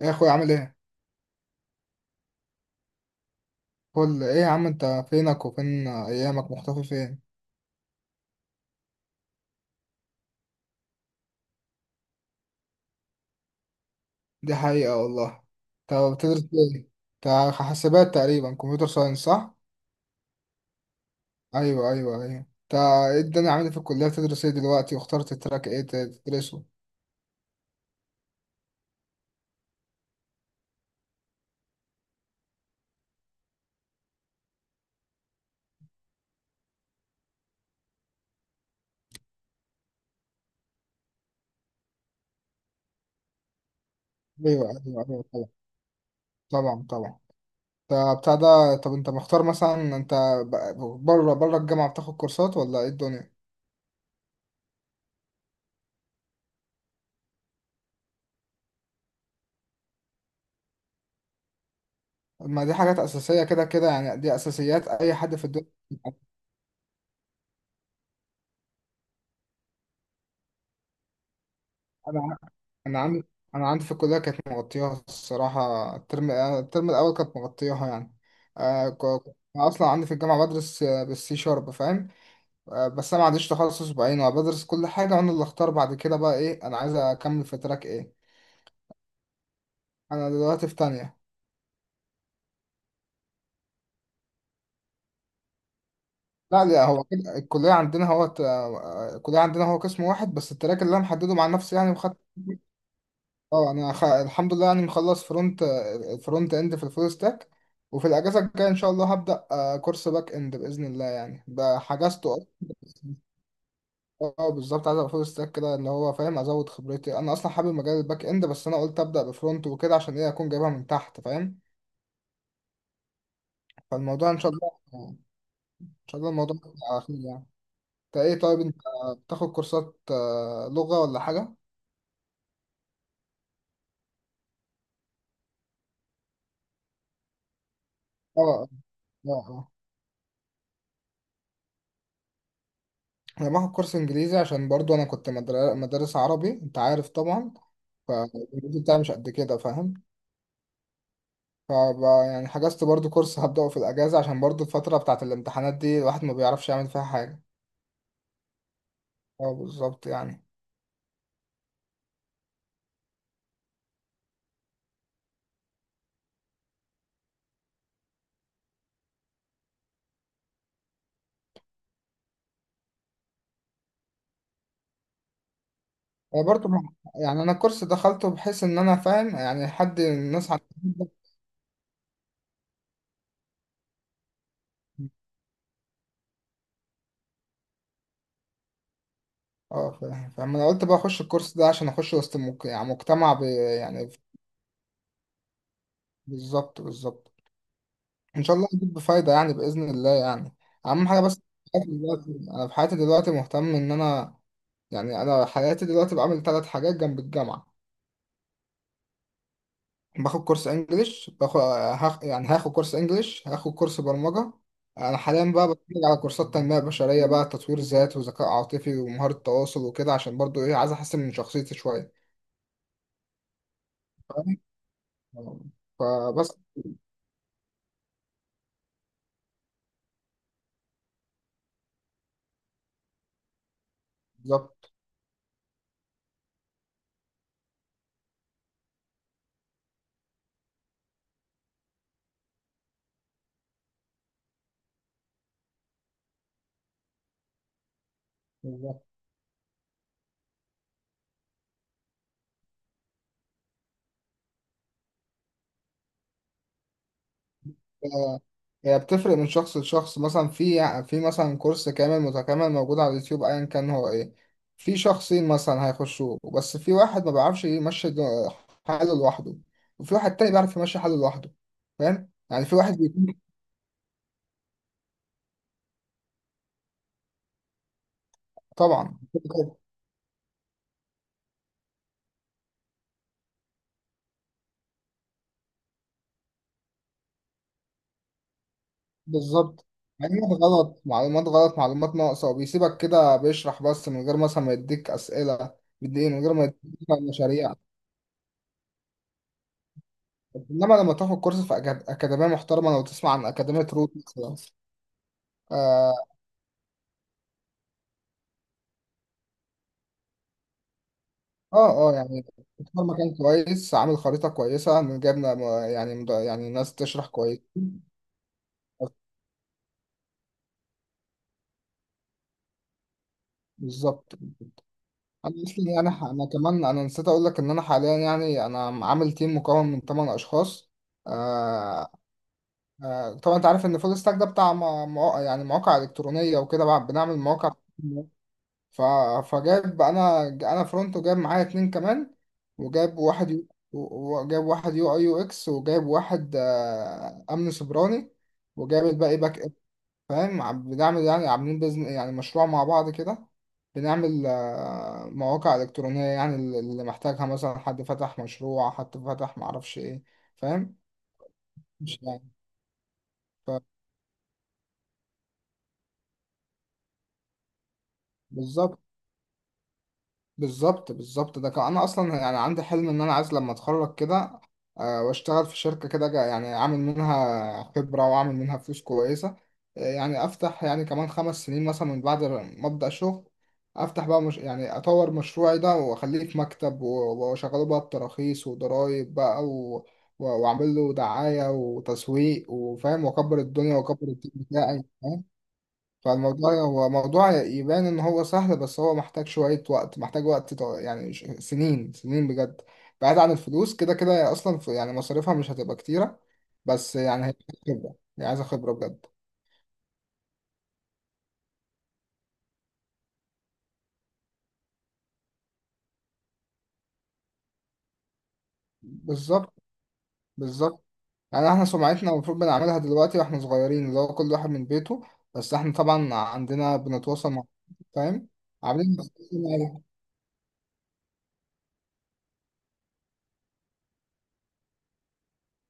إيه يا اخويا عامل ايه؟ كل ايه يا عم، انت فينك وفين ايامك؟ مختفي فين؟ دي حقيقة والله. انت بتدرس ايه؟ انت حاسبات تقريبا، كمبيوتر ساينس، صح؟ ايوه، ايوه، ايوه، انت ايه الدنيا؟ عامل إيه في الكلية؟ بتدرس ايه دلوقتي؟ واخترت التراك ايه تدرسه؟ ايوه، ايوه، ايوه. طبعا، طبعا. طبعا انت بتاع ده. طب انت مختار مثلا، انت بره بره الجامعة بتاخد كورسات، ولا ايه الدنيا؟ ما دي حاجات اساسية كده كده، يعني دي اساسيات اي حد في الدنيا. انا عندي انا عندي في الكليه كانت مغطياها الصراحه، الترم الاول كانت مغطياها يعني. انا اصلا عندي في الجامعه بدرس بالسي شارب، فاهم؟ بس انا ما عنديش تخصص بعينه، انا بدرس كل حاجه وانا اللي اختار بعد كده بقى، ايه انا عايز اكمل في تراك ايه. انا دلوقتي في تانية. لا، لا، هو كده الكليه عندنا هو الكليه عندنا هو قسم واحد، بس التراك اللي انا محدده مع نفسي يعني. اه، انا الحمد لله يعني مخلص فرونت. فرونت اند في الفول ستاك. وفي الاجازه الجايه ان شاء الله هبدا كورس باك اند باذن الله، يعني بقى حجزته. أصلاً. اه، بالظبط، عايز ابقى فول ستاك كده اللي هو فاهم، ازود خبرتي. انا اصلا حابب مجال الباك اند، بس انا قلت ابدا بفرونت وكده عشان ايه اكون جايبها من تحت، فاهم. فالموضوع ان شاء الله، ان شاء الله الموضوع هيبقى على خير يعني. انت ايه؟ طيب انت بتاخد كورسات لغه ولا حاجه؟ اه، اه، اه. انا باخد كورس انجليزي عشان برضو انا كنت مدرس عربي، انت عارف طبعا. فالإنجليزي بتاعي مش قد كده، فاهم. يعني حجزت برضو كورس هبدأه في الأجازة، عشان برضو الفترة بتاعت الامتحانات دي الواحد ما بيعرفش يعمل فيها حاجة. اه، بالظبط يعني. أنا برضو يعني أنا الكورس دخلته بحيث إن أنا فاهم، يعني حد الناس اه، فاهم فاهم. أنا قلت بقى أخش الكورس ده عشان أخش وسط يعني مجتمع يعني. بالظبط، بالظبط. ان شاء الله هتجيب بفايده يعني، باذن الله يعني. اهم حاجه بس في حياتي دلوقتي، انا في حياتي دلوقتي مهتم ان انا، يعني انا حياتي دلوقتي بعمل 3 حاجات جنب الجامعه. باخد كورس انجليش، باخد هاخ... يعني هاخد كورس انجليش، هاخد كورس برمجه. انا حاليا بقى بتفرج على كورسات تنميه بشريه بقى، تطوير ذات وذكاء عاطفي ومهاره تواصل وكده، عشان برضو ايه عايز احسن من شخصيتي شويه. فاهم؟ فبس. بالظبط. آه، هي بتفرق من شخص لشخص، مثلا في، في مثلا كورس كامل متكامل موجود على اليوتيوب ايا كان هو ايه، في شخصين مثلا هيخشوه، بس في واحد ما بيعرفش يمشي حاله لوحده، وفي واحد تاني بيعرف يمشي حاله لوحده. فاهم يعني، في واحد بيكون. طبعا. بالظبط. معلومات غلط، معلومات غلط، معلومات ناقصة، وبيسيبك كده بيشرح بس من غير مثلا ما يديك أسئلة، بيديك من غير ما يديك، مثلاً مشاريع. انما لما تاخد كورس في اكاديميه محترمه، لو تسمع عن اكاديميه روت مثلا. اه، اه. يعني اختار مكان كويس، عامل خريطة كويسة من جبنا يعني يعني ناس تشرح كويس. بالظبط. انا اصلا يعني انا كمان نسيت اقول لك ان انا حاليا، يعني انا عامل تيم مكون من 8 اشخاص. آه. آه، طبعا انت عارف ان فول ستاك ده بتاع مواقع، يعني مواقع الكترونية وكده، بنعمل مواقع. ف... فجاب انا فرونت، وجاب معايا اتنين كمان، وجاب وجاب واحد UI UX، وجاب واحد امن سيبراني، وجاب الباقي باك اب. فاهم، بنعمل يعني عاملين يعني مشروع مع بعض كده. بنعمل مواقع الكترونيه يعني، اللي محتاجها، مثلا حد فتح مشروع، حد فتح معرفش ايه. فاهم مش يعني. فبالظبط. بالظبط، بالظبط. ده كان، انا اصلا يعني عندي حلم ان انا عايز لما اتخرج كده واشتغل في شركه كده، يعني اعمل منها خبره واعمل منها فلوس كويسه. يعني افتح، يعني كمان 5 سنين مثلا من بعد ما ابدا شغل، افتح بقى، مش يعني اطور مشروعي ده واخليه في مكتب واشغله بقى بتراخيص وضرايب بقى، واعمل له دعايه وتسويق، وفاهم، واكبر الدنيا واكبر التيم بتاعي. فالموضوع هو موضوع يبان ان هو سهل، بس هو محتاج شوية وقت، محتاج وقت يعني سنين سنين بجد. بعيد عن الفلوس كده كده، هي اصلا يعني مصاريفها مش هتبقى كتيرة. بس يعني هي خبرة، هي عايزة خبرة بجد. بالظبط، بالظبط. يعني احنا سمعتنا المفروض بنعملها دلوقتي واحنا صغيرين، اللي هو كل واحد من بيته، بس احنا طبعا عندنا بنتواصل مع، فاهم، عاملين.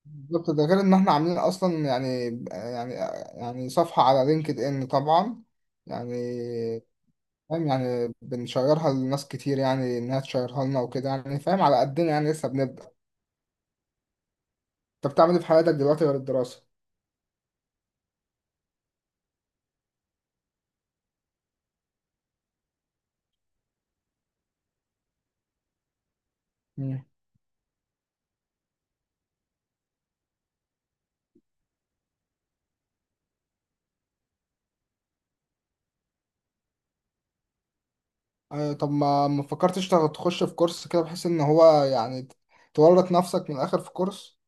بالظبط، ده غير ان احنا عاملين اصلا يعني، يعني، يعني صفحة على لينكد ان طبعا، يعني، فاهم يعني، بنشيرها لناس كتير يعني انها تشيرها لنا وكده، يعني فاهم، على قدنا يعني لسه بنبدأ. انت بتعمل ايه في حياتك دلوقتي غير الدراسة؟ مم. طب ما فكرتش تخش في كورس كده، بحيث ان هو يعني تورط نفسك من الاخر في كورس؟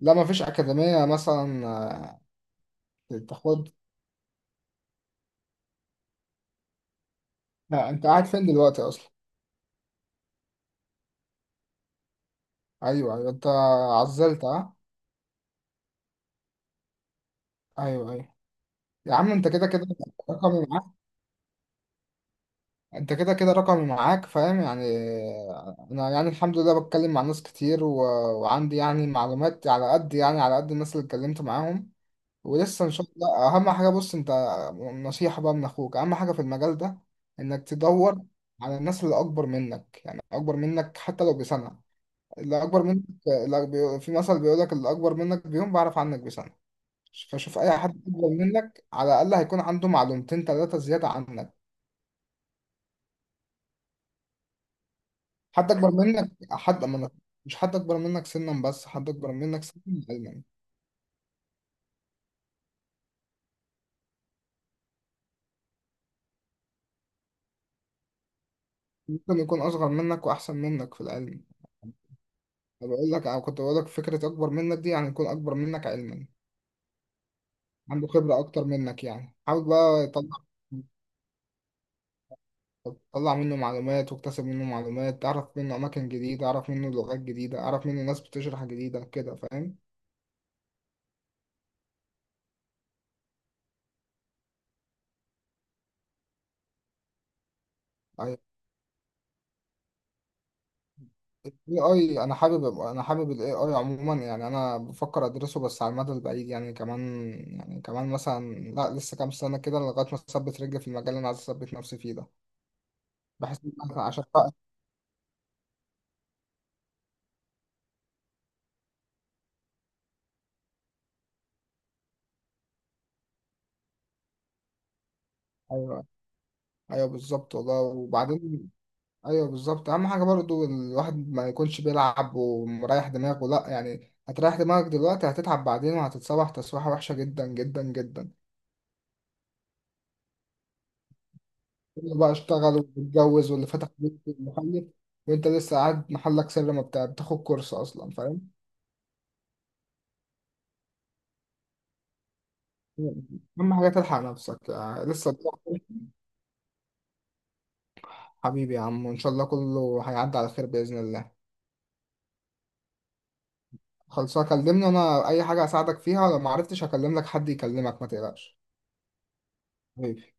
لا، ما فيش اكاديمية مثلا تاخد؟ لا، انت قاعد فين دلوقتي اصلا؟ ايوه، ايوه، انت عزلت، ها؟ ايوه، ايوه. يا عم انت كده كده رقمي معاك، انت كده كده رقمي معاك، فاهم يعني. انا يعني الحمد لله بتكلم مع ناس كتير و، وعندي يعني معلومات على قد، يعني على قد الناس اللي اتكلمت معاهم، ولسه ان شاء الله. اهم حاجة بص انت، نصيحة بقى من اخوك، اهم حاجة في المجال ده، انك تدور على الناس اللي اكبر منك، يعني اكبر منك حتى لو بسنة، اللي اكبر منك، في مثل بيقول لك اللي اكبر منك بيوم بعرف عنك بسنة. فشوف اي حد اكبر منك، على الاقل هيكون عنده معلومتين ثلاثة زيادة عنك. حد اكبر منك، حد منك، مش حد اكبر منك سنا، بس حد اكبر منك سنا، علما. ممكن يكون اصغر منك واحسن منك في العلم. أنا بقول لك، أو كنت بقول لك، فكره اكبر منك دي يعني يكون اكبر منك علما، عنده خبره اكتر منك، يعني حاول بقى تطلع، تطلع منه معلومات واكتسب منه معلومات، تعرف منه اماكن جديده، اعرف منه لغات جديده، اعرف منه ناس بتشرح جديده كده، فاهم. أيوة. الاي اي انا حابب، انا حابب الاي اي عموما، يعني انا بفكر ادرسه بس على المدى البعيد، يعني كمان، يعني كمان مثلا، لا لسه كام سنه كده لغايه ما اثبت رجلي في المجال اللي انا عايز اثبت نفسي فيه ده. بحس إن أنا عشان بقى، ايوه، ايوه، بالظبط والله. وبعدين، ايوه بالظبط. اهم حاجه برضو الواحد ما يكونش بيلعب ومريح دماغه، لا يعني هتريح دماغك دلوقتي هتتعب بعدين، وهتتصبح تسويحه وحشه جدا جدا جدا. كله بقى اشتغل واتجوز، واللي فتح بيت محلك، وانت لسه قاعد محلك سر ما بتاع بتاخد كورس اصلا، فاهم. اهم حاجه تلحق نفسك، يعني لسه قدامك. حبيبي يا عم، وان شاء الله كله هيعدي على خير باذن الله. خلصها كلمني انا، اي حاجه اساعدك فيها، لو ما عرفتش هكلم لك حد يكلمك ما تقلقش. حبيبي.